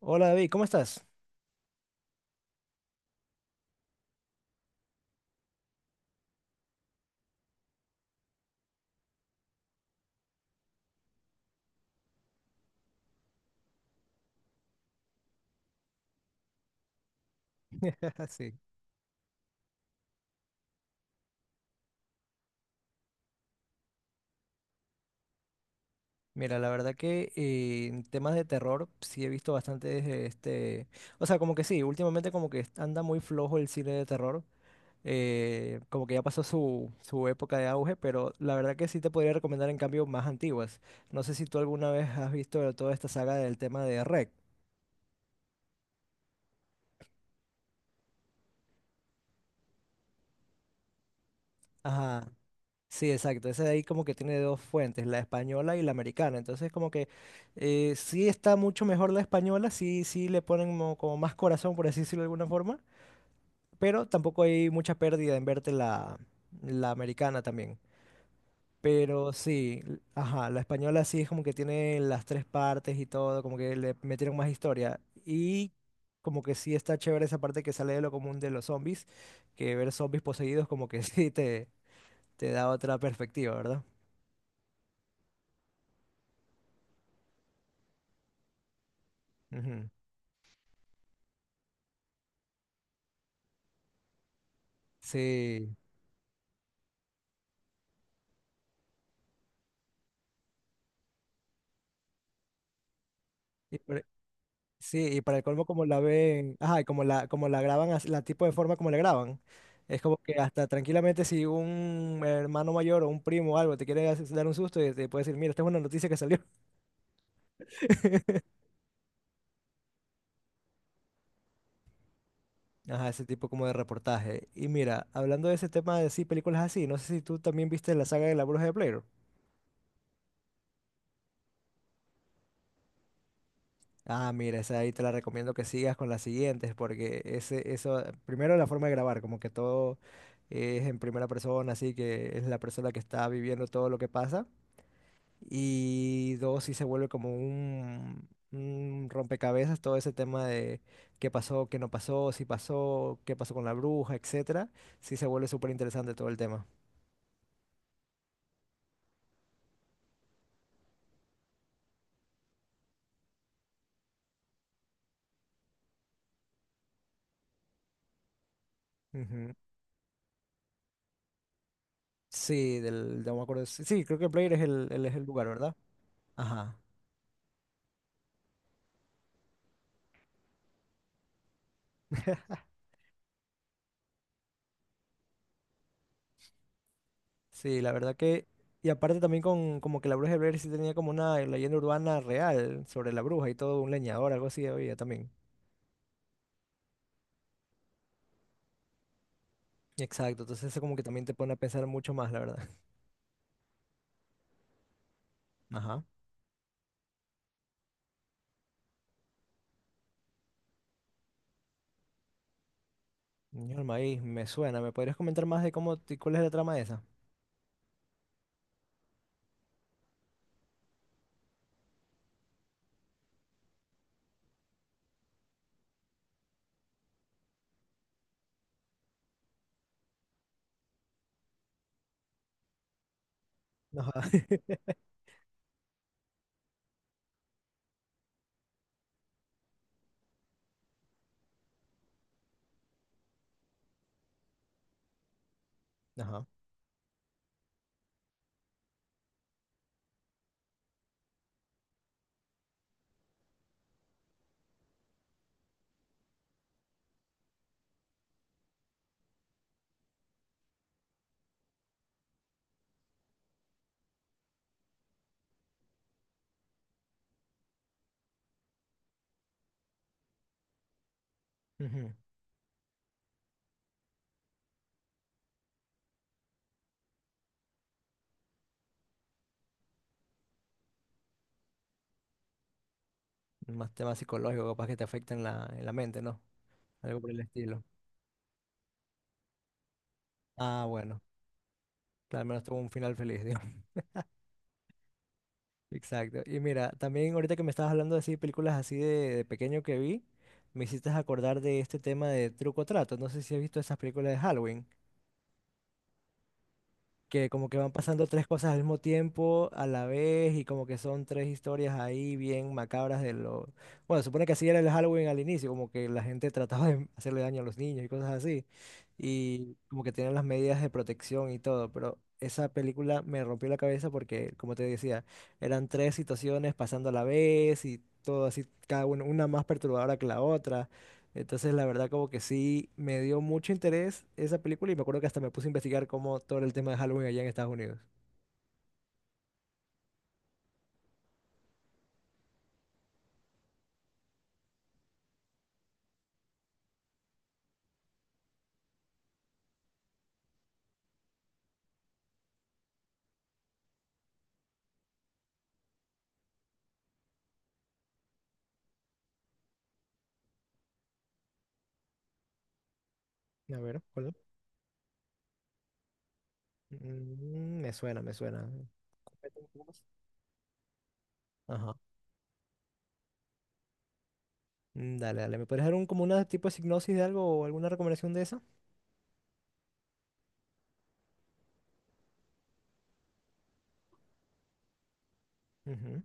Hola David, ¿cómo estás? Sí. Mira, la verdad que en temas de terror sí he visto bastantes, o sea, como que sí, últimamente como que anda muy flojo el cine de terror, como que ya pasó su época de auge, pero la verdad que sí te podría recomendar en cambio más antiguas. No sé si tú alguna vez has visto toda esta saga del tema de REC. Ajá. Sí, exacto. Ese de ahí como que tiene dos fuentes, la española y la americana. Entonces como que sí está mucho mejor la española, sí, sí le ponen como, más corazón, por así decirlo de alguna forma, pero tampoco hay mucha pérdida en verte la americana también. Pero sí, ajá, la española sí es como que tiene las tres partes y todo, como que le metieron más historia. Y como que sí está chévere esa parte que sale de lo común de los zombies, que ver zombies poseídos como que sí te da otra perspectiva, ¿verdad? Ujú. Sí, y por- sí, y para el colmo como la ven, ajá, y como como la graban, la tipo de forma como la graban, es como que hasta tranquilamente si un hermano mayor o un primo o algo te quiere dar un susto y te puede decir, mira, esta es una noticia que salió. Ajá, ese tipo como de reportaje. Y mira, hablando de ese tema de sí, películas así, no sé si tú también viste la saga de La Bruja de Blair. Ah, mira, esa ahí te la recomiendo que sigas con las siguientes, porque eso, primero la forma de grabar, como que todo es en primera persona, así que es la persona que está viviendo todo lo que pasa. Y dos, sí se vuelve como un rompecabezas todo ese tema de qué pasó, qué no pasó, si pasó, qué pasó con la bruja, etcétera. Sí se vuelve súper interesante todo el tema. Ujú. Sí, del, no me acuerdo. Sí, sí, creo que Blair es es el lugar, ¿verdad? Ajá. Sí, la verdad que... Y aparte también con como que la bruja de Blair sí tenía como una leyenda urbana real sobre la bruja y todo, un leñador, algo así había también. Exacto, entonces eso como que también te pone a pensar mucho más, la verdad. Ajá. Niño del maíz, me suena. ¿Me podrías comentar más de cómo, y cuál es la trama de esa? Ajá. Ajá. Ujú. Más temas psicológicos capaz que te afectan en en la mente, ¿no? Algo por el estilo. Ah, bueno. Claro, al menos tuvo un final feliz. Exacto. Y mira, también ahorita que me estabas hablando así de así, películas así de pequeño que vi, me hiciste acordar de este tema de truco o trato. No sé si has visto esas películas de Halloween que como que van pasando tres cosas al mismo tiempo, a la vez, y como que son tres historias ahí bien macabras de lo... Bueno, supone que así era el Halloween al inicio, como que la gente trataba de hacerle daño a los niños y cosas así, y como que tenían las medidas de protección y todo, pero esa película me rompió la cabeza porque, como te decía, eran tres situaciones pasando a la vez y todo así, cada una más perturbadora que la otra. Entonces, la verdad, como que sí me dio mucho interés esa película y me acuerdo que hasta me puse a investigar cómo todo el tema de Halloween allá en Estados Unidos. A ver, ¿cuál es? Mm, me suena, me suena. Cuéntame un poco más. Ajá. Mm, dale, dale. ¿Me puedes dar un, como una tipo de sinopsis de algo o alguna recomendación de esa? Ujú.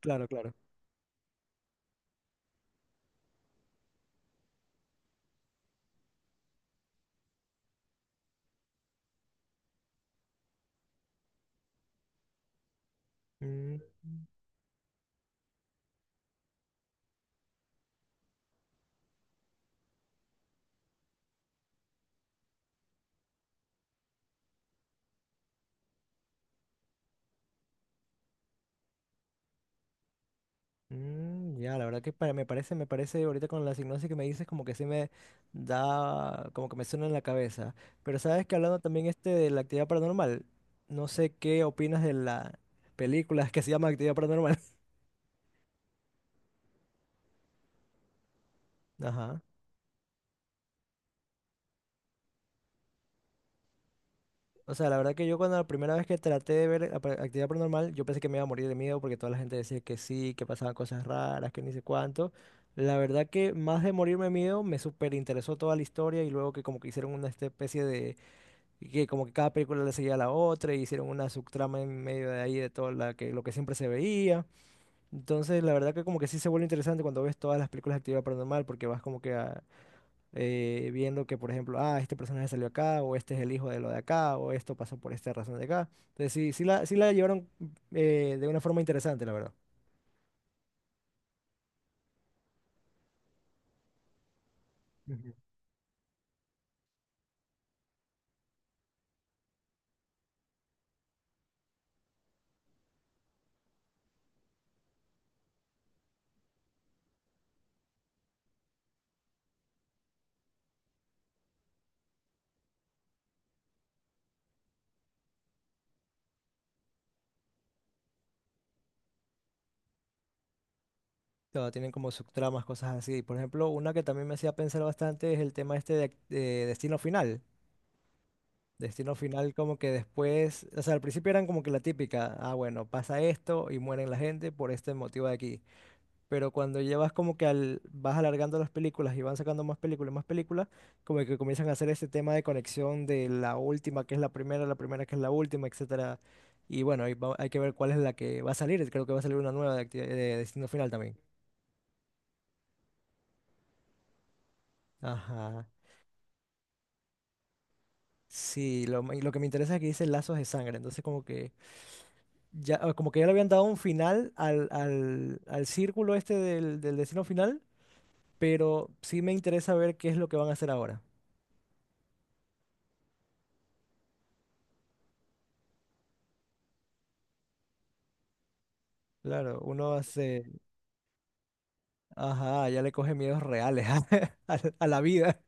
Claro, claro. Mm, mm, ya, la verdad que me parece ahorita con la hipnosis que me dices como que sí me da, como que me suena en la cabeza. Pero sabes que hablando también este de la actividad paranormal, no sé qué opinas de la película que se llama Actividad Paranormal. Ajá. O sea, la verdad que yo cuando la primera vez que traté de ver la actividad paranormal, yo pensé que me iba a morir de miedo porque toda la gente decía que sí, que pasaban cosas raras, que ni sé cuánto. La verdad que más de morirme de miedo, me súper interesó toda la historia y luego que como que hicieron una especie de. Y que como que cada película le seguía a la otra y hicieron una subtrama en medio de ahí de todo la que, lo que siempre se veía. Entonces, la verdad que como que sí se vuelve interesante cuando ves todas las películas de actividad paranormal porque vas como que ah, viendo que, por ejemplo, ah, este personaje salió acá o este es el hijo de lo de acá o esto pasó por esta razón de acá. Entonces, sí, sí la llevaron de una forma interesante, la verdad. Ujú. Claro, tienen como subtramas, cosas así. Por ejemplo, una que también me hacía pensar bastante es el tema este de, de Destino Final. Destino final como que después, o sea, al principio eran como que la típica, ah, bueno, pasa esto y mueren la gente por este motivo de aquí. Pero cuando llevas como que al, vas alargando las películas y van sacando más películas, como que comienzan a hacer este tema de conexión de la última que es la primera que es la última, etcétera. Y bueno, ahí hay que ver cuál es la que va a salir. Creo que va a salir una nueva de, de Destino Final también. Ajá. Sí, y lo que me interesa es que dice lazos de sangre, entonces como que ya, ah, como que ya le habían dado un final al círculo este del destino final, pero sí me interesa ver qué es lo que van a hacer ahora. Claro, uno hace, ajá, ya le coge miedos reales a la vida.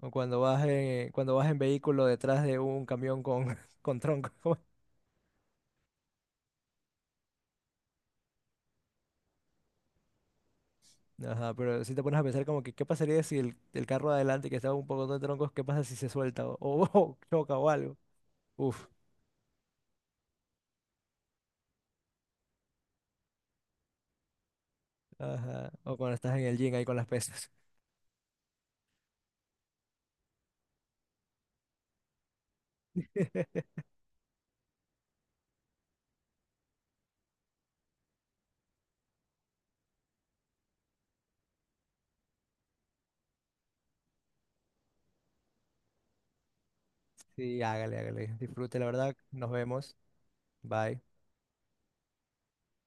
O cuando vas en vehículo detrás de un camión con, con troncos. Ajá, pero si te pones a pensar como que qué pasaría si el carro de adelante que estaba un poco de troncos, qué pasa si se suelta o choca o algo. Uf, ajá. O cuando estás en el gym ahí con las pesas. Sí, hágale, hágale. Disfrute, la verdad. Nos vemos. Bye.